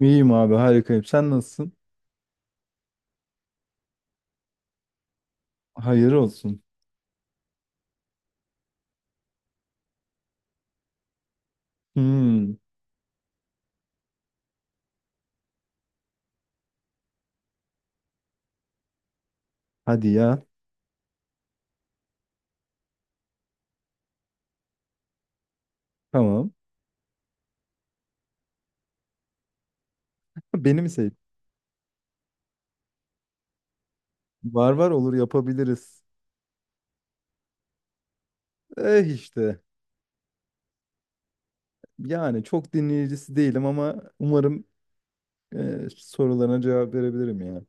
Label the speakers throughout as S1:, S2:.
S1: İyiyim abi harikayım. Sen nasılsın? Hayır olsun. Hmm, hadi ya. Tamam. Beni mi sevdin? Var, olur, yapabiliriz. Eh işte. Yani çok dinleyicisi değilim ama umarım sorularına cevap verebilirim ya.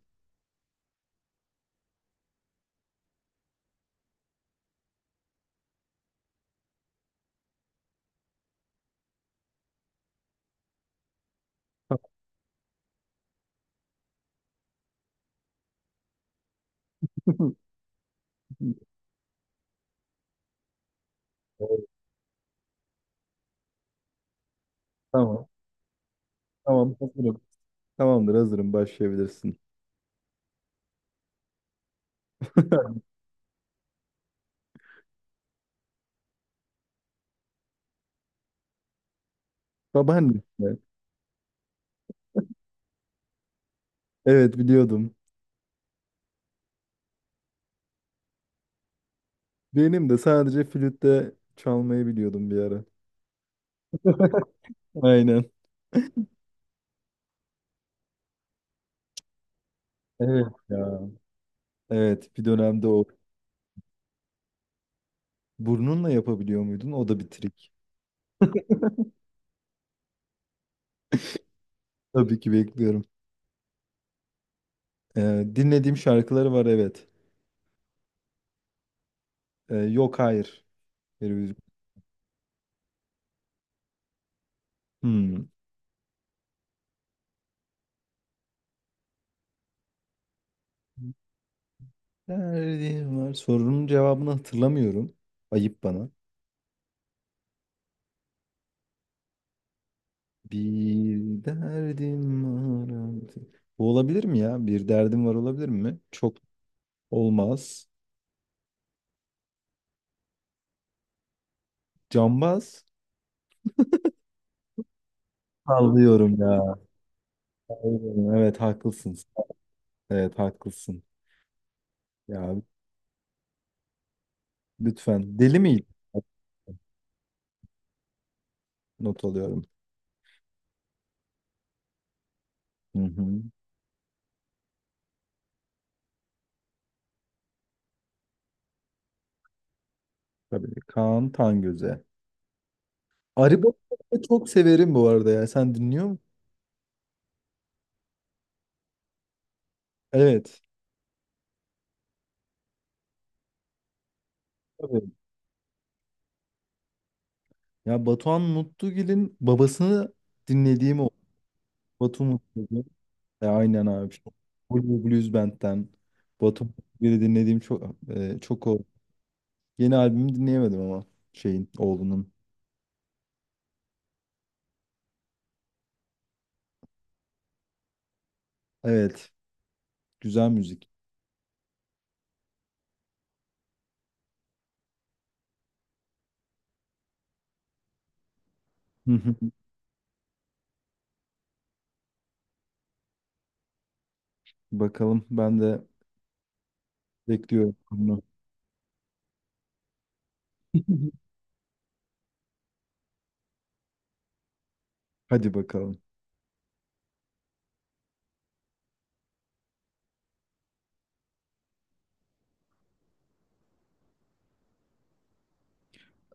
S1: Evet. Tamam. Tamam hazırım. Tamamdır hazırım başlayabilirsin. Babaanne. Evet biliyordum. Benim de sadece flütte çalmayı biliyordum bir ara. Aynen. Evet ya. Evet bir dönemde o. Burnunla yapabiliyor muydun? O da bir trik. Tabii ki bekliyorum. Dinlediğim şarkıları var evet. Yok hayır. Bir- Hmm. Derdim var. Sorunun cevabını hatırlamıyorum. Ayıp bana. Bir derdim var. Artık. Bu olabilir mi ya? Bir derdim var olabilir mi? Çok olmaz. Cambaz. Sallıyorum ya. Aynen, evet haklısın. Evet haklısın. Ya lütfen. Deli miyim? Not alıyorum. Hı hı. Tabii. Kaan Tangöze. Arıbot'u çok severim bu arada ya. Sen dinliyor musun? Evet. Tabii. Ya Batuhan Mutlugil'in babasını dinlediğim o. Batu Mutlugil. Aynen abi. İşte Blue Blues Band'den. Batu Mutlugil'i dinlediğim çok çok o. Yeni albümü dinleyemedim ama şeyin oğlunun. Evet. Güzel müzik. Hı hı. Bakalım ben de bekliyorum bunu. Hadi bakalım.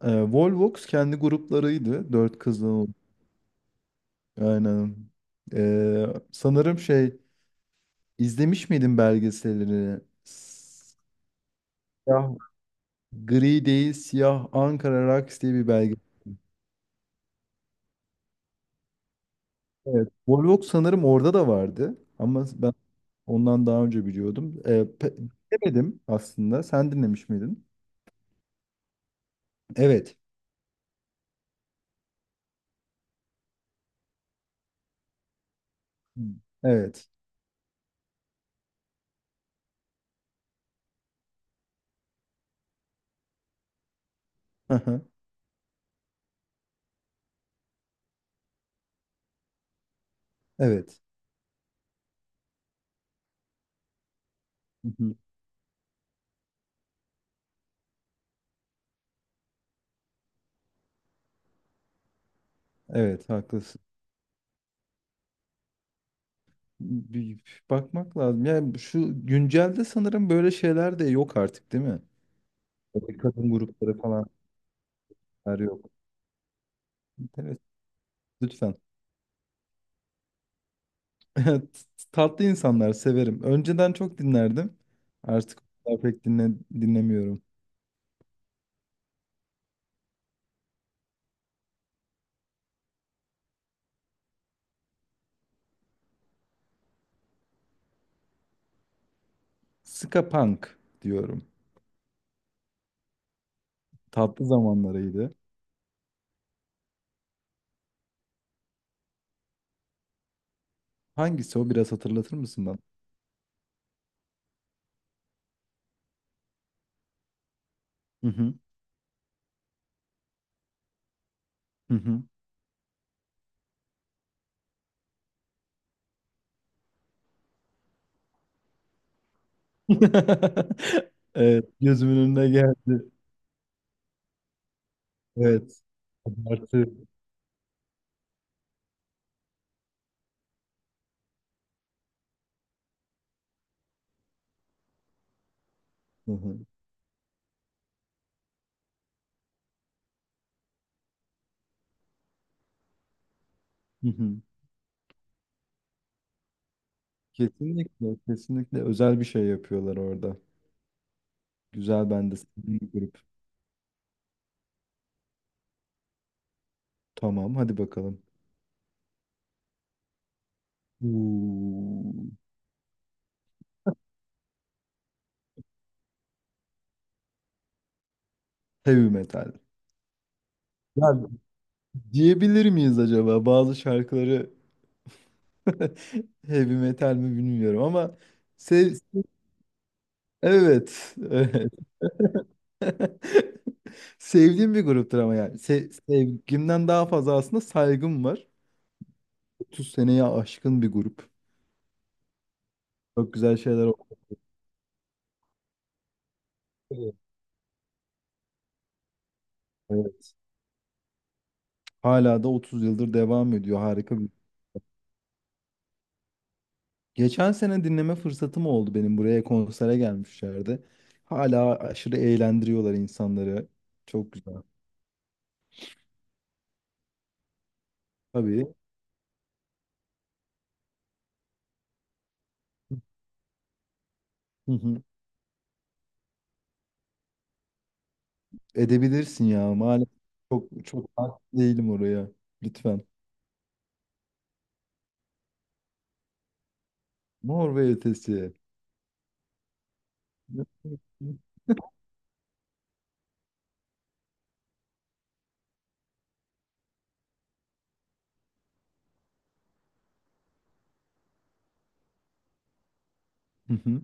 S1: Volvox kendi gruplarıydı. Dört kızdan aynen. Ee, sanırım şey izlemiş miydin belgeselini? Siyah, gri değil siyah Ankara Rocks diye bir belgesel. Evet. Volvox sanırım orada da vardı. Ama ben ondan daha önce biliyordum. Dinlemedim aslında. Sen dinlemiş miydin? Evet. Hmm. Evet. Aha, evet. Hı hı. Evet, haklısın. Bir bakmak lazım. Yani şu güncelde sanırım böyle şeyler de yok artık, değil mi? Böyle kadın grupları falan. Her yok. Evet, lütfen. Tatlı insanlar severim. Önceden çok dinlerdim. Artık o kadar pek dinlemiyorum. Ska punk diyorum. Tatlı zamanlarıydı. Hangisi o? Biraz hatırlatır mısın bana? Hı hı. Hı hı. Evet, gözümün önüne geldi. Evet. Abartı. Hı hı. Hı hı. Kesinlikle, kesinlikle özel bir şey yapıyorlar orada. Güzel, ben de sevdiğim bir grup. Tamam, hadi bakalım. Uuu. Heavy metal. Ya diyebilir miyiz acaba bazı şarkıları heavy metal mi bilmiyorum ama sev evet, evet. Sevdiğim bir gruptur ama yani sevgimden daha fazla aslında saygım var. 30 seneye aşkın bir grup. Çok güzel şeyler oldu. Evet. Evet. Hala da 30 yıldır devam ediyor. Harika bir. Geçen sene dinleme fırsatım oldu, benim buraya konsere gelmişlerdi. Hala aşırı eğlendiriyorlar insanları. Çok güzel. Tabii. Edebilirsin ya. Maalesef çok hakim değilim oraya. Lütfen. Mor ve ötesi. Hı hı,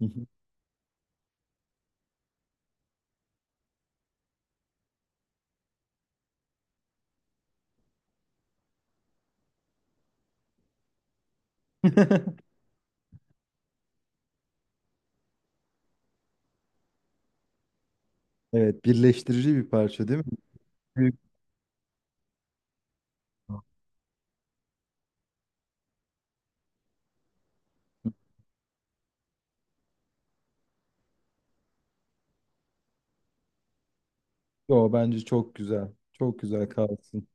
S1: hı hı. Evet, birleştirici bir parça değil mi? Büyük. Yo, bence çok güzel. Çok güzel kalsın.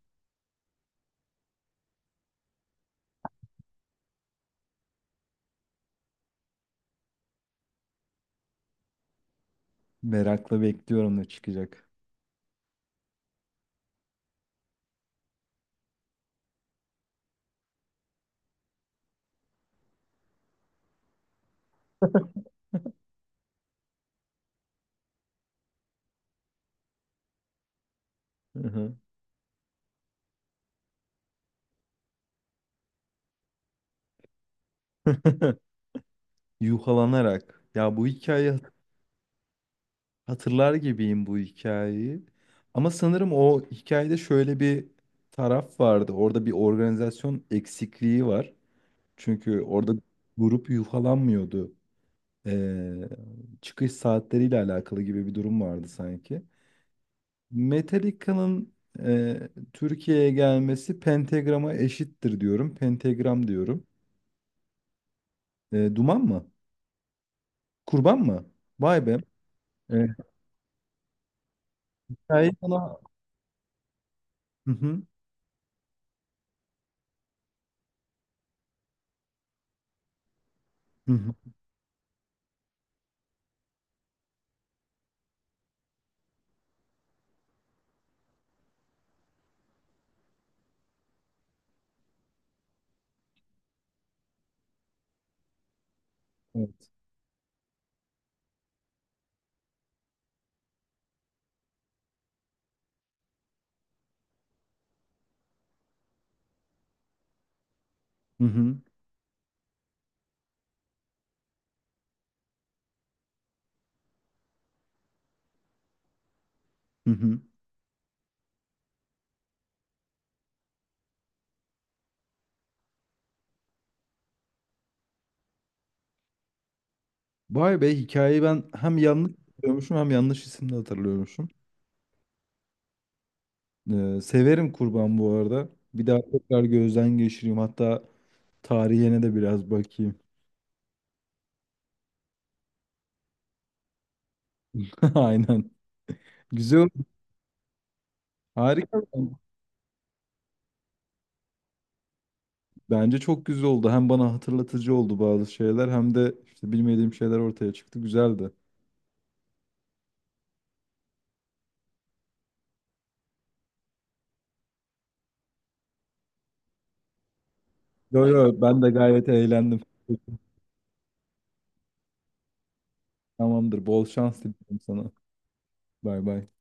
S1: Merakla bekliyorum ne çıkacak. Hı hı. Yuhalanarak. Ya bu hikayeyi hatırlar gibiyim bu hikayeyi. Ama sanırım o hikayede şöyle bir taraf vardı. Orada bir organizasyon eksikliği var. Çünkü orada grup yufalanmıyordu. Ee, çıkış saatleriyle alakalı gibi bir durum vardı sanki. Metallica'nın Türkiye'ye gelmesi Pentagram'a eşittir diyorum. Pentagram diyorum. E, Duman mı? Kurban mı? Vay be. E, hikayeyi bana... Hı hı, hı hı, evet. Hı hı, hı hı. Vay be, hikayeyi ben hem yanlış hatırlıyormuşum hem yanlış isimle hatırlıyormuşum. E, severim kurban bu arada. Bir daha tekrar gözden geçireyim. Hatta tarihine de biraz bakayım. Aynen. Güzel oldu. Harika. Bence çok güzel oldu. Hem bana hatırlatıcı oldu bazı şeyler hem de işte bilmediğim şeyler ortaya çıktı. Güzeldi. Yo yo, ben de gayet eğlendim. Tamamdır. Bol şans diliyorum sana. Bay bay.